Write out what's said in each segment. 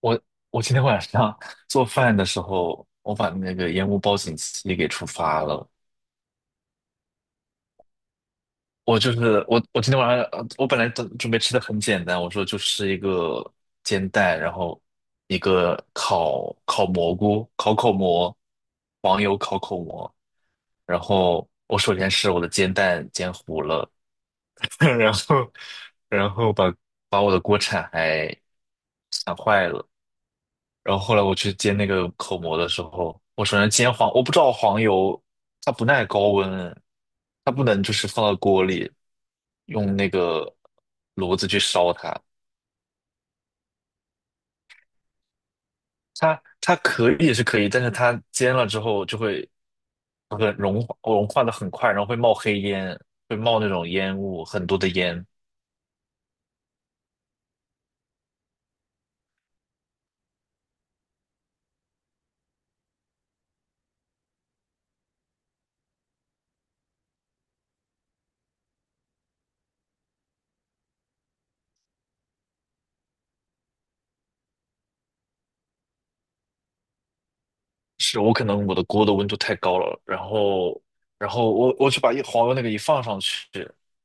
我我今天晚上做饭的时候，我把那个烟雾报警器给触发了。我今天晚上我本来准备吃的很简单，我说就吃一个煎蛋，然后一个烤蘑菇、烤口蘑、黄油烤口蘑。然后我首先是我的煎蛋煎糊了，然后然后把把我的锅铲还铲坏了。然后后来我去煎那个口蘑的时候，我首先煎黄，我不知道黄油它不耐高温，它不能就是放到锅里用那个炉子去烧它，它可以是可以，但是它煎了之后就会很融化，融化的很快，然后会冒黑烟，会冒那种烟雾，很多的烟。是我可能我的锅的温度太高了，然后我去把一黄油那个一放上去，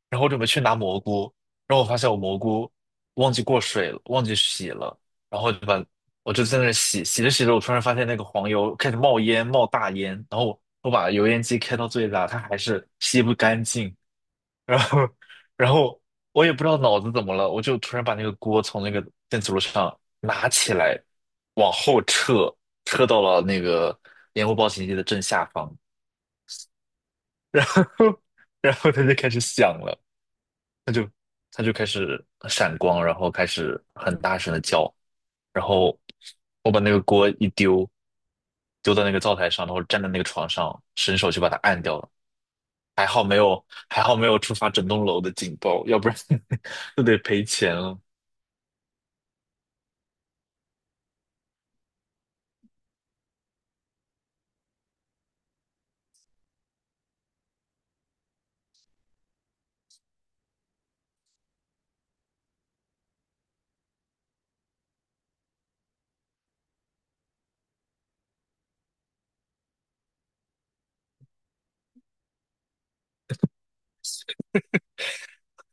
然后我准备去拿蘑菇，然后我发现我蘑菇忘记过水了，忘记洗了，然后我就在那儿洗，洗着洗着，我突然发现那个黄油开始冒烟，冒大烟，然后我把油烟机开到最大，它还是吸不干净，然后，然后我也不知道脑子怎么了，我就突然把那个锅从那个电磁炉上拿起来，往后撤，撤到了那个烟雾报警器的正下方，然后它就开始响了，它就它就开始闪光，然后开始很大声的叫，然后我把那个锅一丢，丢到那个灶台上，然后站在那个床上，伸手就把它按掉了。还好没有触发整栋楼的警报，要不然 就得赔钱了。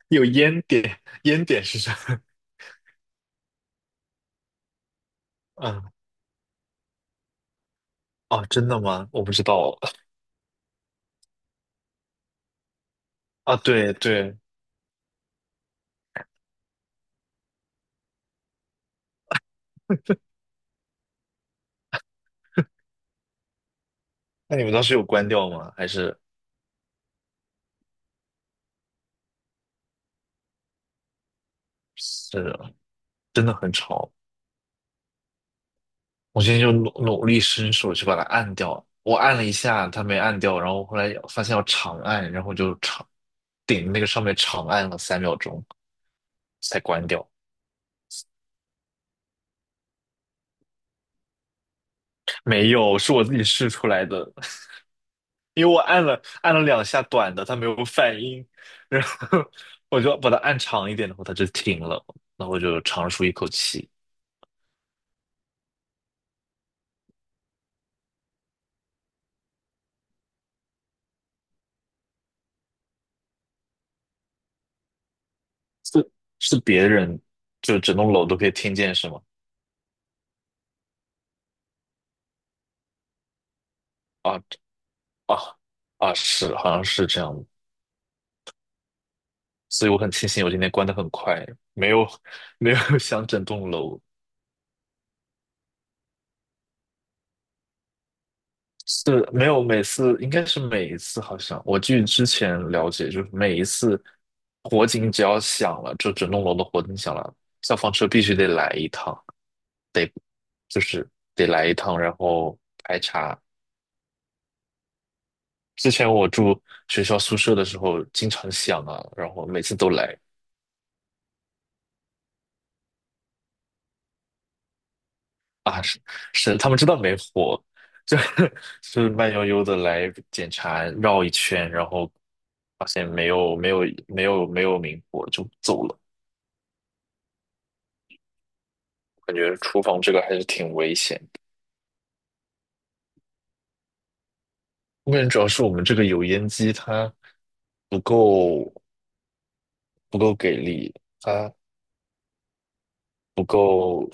有烟点，烟点是啥？啊，哦，真的吗？我不知道啊。对对。那你们当时有关掉吗？还是真的很吵？我现在就努力伸手去把它按掉，我按了一下，它没按掉，然后后来发现要长按，然后就顶那个上面长按了3秒钟才关掉。没有，是我自己试出来的。因为我按了两下短的，它没有反应，然后我就把它按长一点，然后它就停了，然后我就长舒一口气。是是别人，就整栋楼都可以听见是吗？啊，啊，啊！是，好像是这样的。所以我很庆幸我今天关的很快，没有没有 响整栋楼。是没有每次，应该是每一次，好像我据之前了解，就是每一次火警只要响了，就整栋楼的火警响了，消防车必须得来一趟，得就是得来一趟，然后排查。之前我住学校宿舍的时候，经常响啊，然后每次都来啊。是，是，他们知道没火，就 就是慢悠悠的来检查，绕一圈，然后发现没有明火就走了。感觉厨房这个还是挺危险的。我感觉主要是我们这个油烟机它不够不够给力，它不够，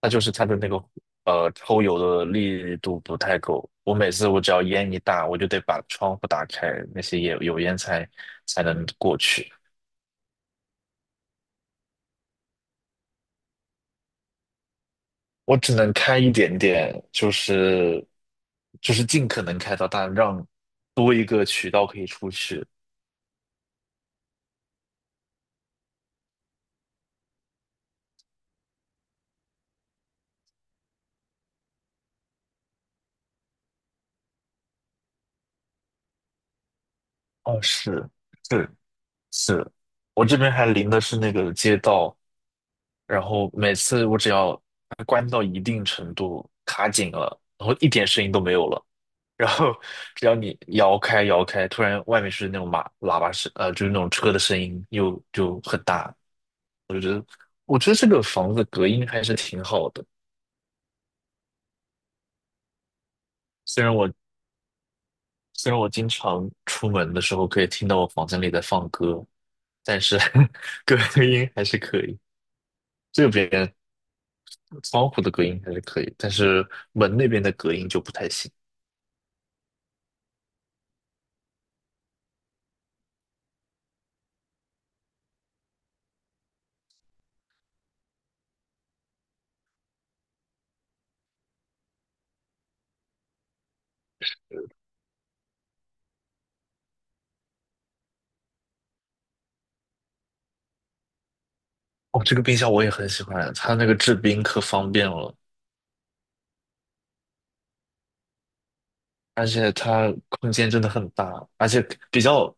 它就是它的那个抽油的力度不太够。我每次只要烟一大，我就得把窗户打开，那些油烟才能过去。我只能开一点点，就是尽可能开到，大，让多一个渠道可以出去。哦，是，是，是，我这边还临的是那个街道，然后每次我只要关到一定程度卡紧了，然后一点声音都没有了，然后只要你摇开，突然外面是那种马喇叭声，就是那种车的声音又就很大。我觉得这个房子隔音还是挺好的，虽然我虽然我经常出门的时候可以听到我房间里在放歌，但是 隔音还是可以。这边。窗户的隔音还是可以，但是门那边的隔音就不太行。哦，这个冰箱我也很喜欢，它那个制冰可方便了，而且它空间真的很大，而且比较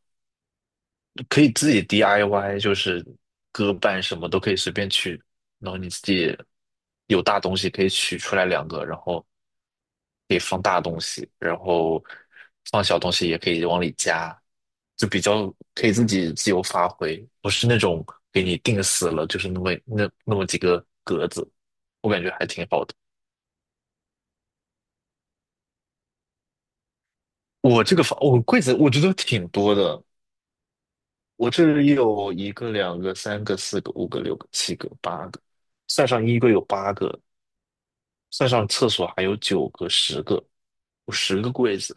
可以自己 DIY，就是割板什么都可以随便取，然后你自己有大东西可以取出来两个，然后可以放大东西，然后放小东西也可以往里加，就比较可以自己自由发挥，不是那种给你定死了，就是那么几个格子，我感觉还挺好的。我这个房，我柜子我觉得挺多的，我这里有一个、两个、三个、四个、五个、六个、七个、八个，算上衣柜有八个，算上厕所还有9个、十个，有十个柜子。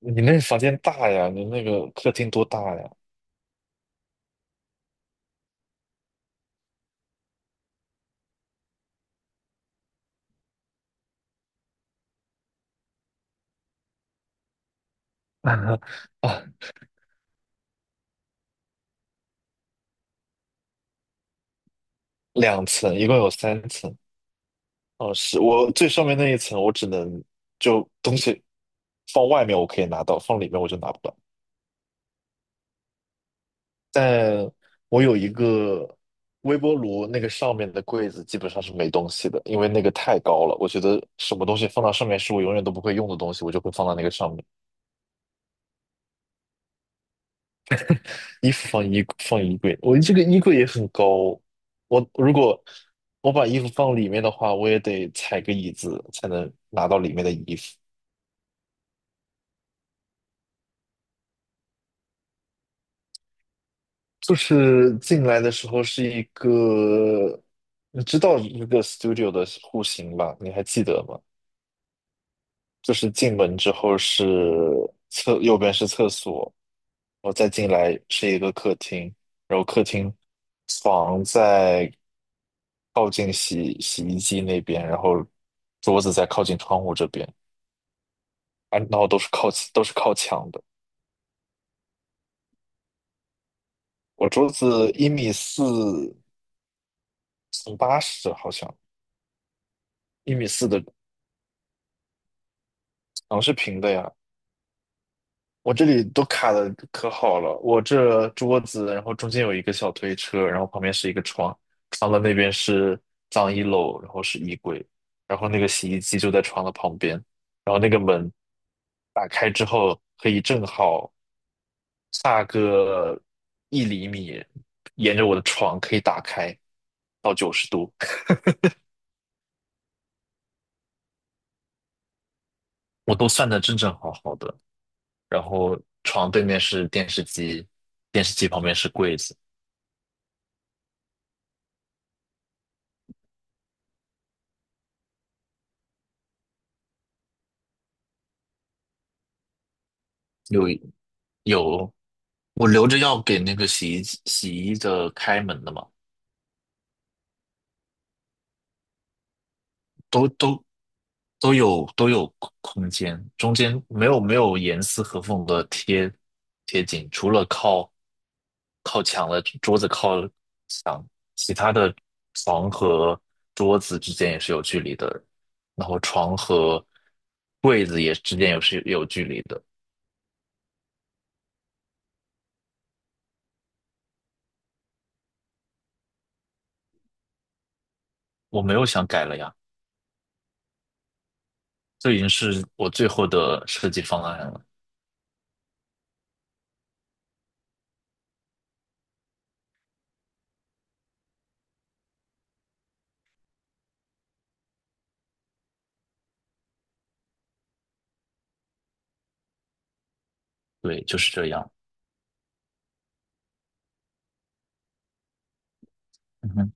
你那房间大呀？你那个客厅多大呀？啊，2层，一共有3层。哦，是我最上面那一层，我只能就东西放外面我可以拿到，放里面我就拿不到。但我有一个微波炉，那个上面的柜子基本上是没东西的，因为那个太高了。我觉得什么东西放到上面是我永远都不会用的东西，我就会放到那个上面。衣服放衣柜，我这个衣柜也很高。我如果把衣服放里面的话，我也得踩个椅子才能拿到里面的衣服。就是进来的时候是一个，你知道一个 studio 的户型吧？你还记得吗？就是进门之后是右边是厕所，然后再进来是一个客厅，然后客厅床在靠近洗衣机那边，然后桌子在靠近窗户这边，啊，然后都是靠墙的。我桌子一米四乘80，好像一米四的墙是平的呀，我这里都卡的可好了，我这桌子，然后中间有一个小推车，然后旁边是一个床，床的那边是脏衣篓，然后是衣柜，然后那个洗衣机就在床的旁边，然后那个门打开之后可以正好差个1厘米，沿着我的床可以打开到90度，我都算的正正好好的。然后床对面是电视机，电视机旁边是柜子。有。有，我留着要给那个洗衣机洗衣的开门的嘛，都都都有空间，中间没有严丝合缝的贴紧，除了靠墙的桌子靠墙，其他的床和桌子之间也是有距离的，然后床和柜子也之间也是有距离的，我没有想改了呀，这已经是我最后的设计方案了，对，就是这样。嗯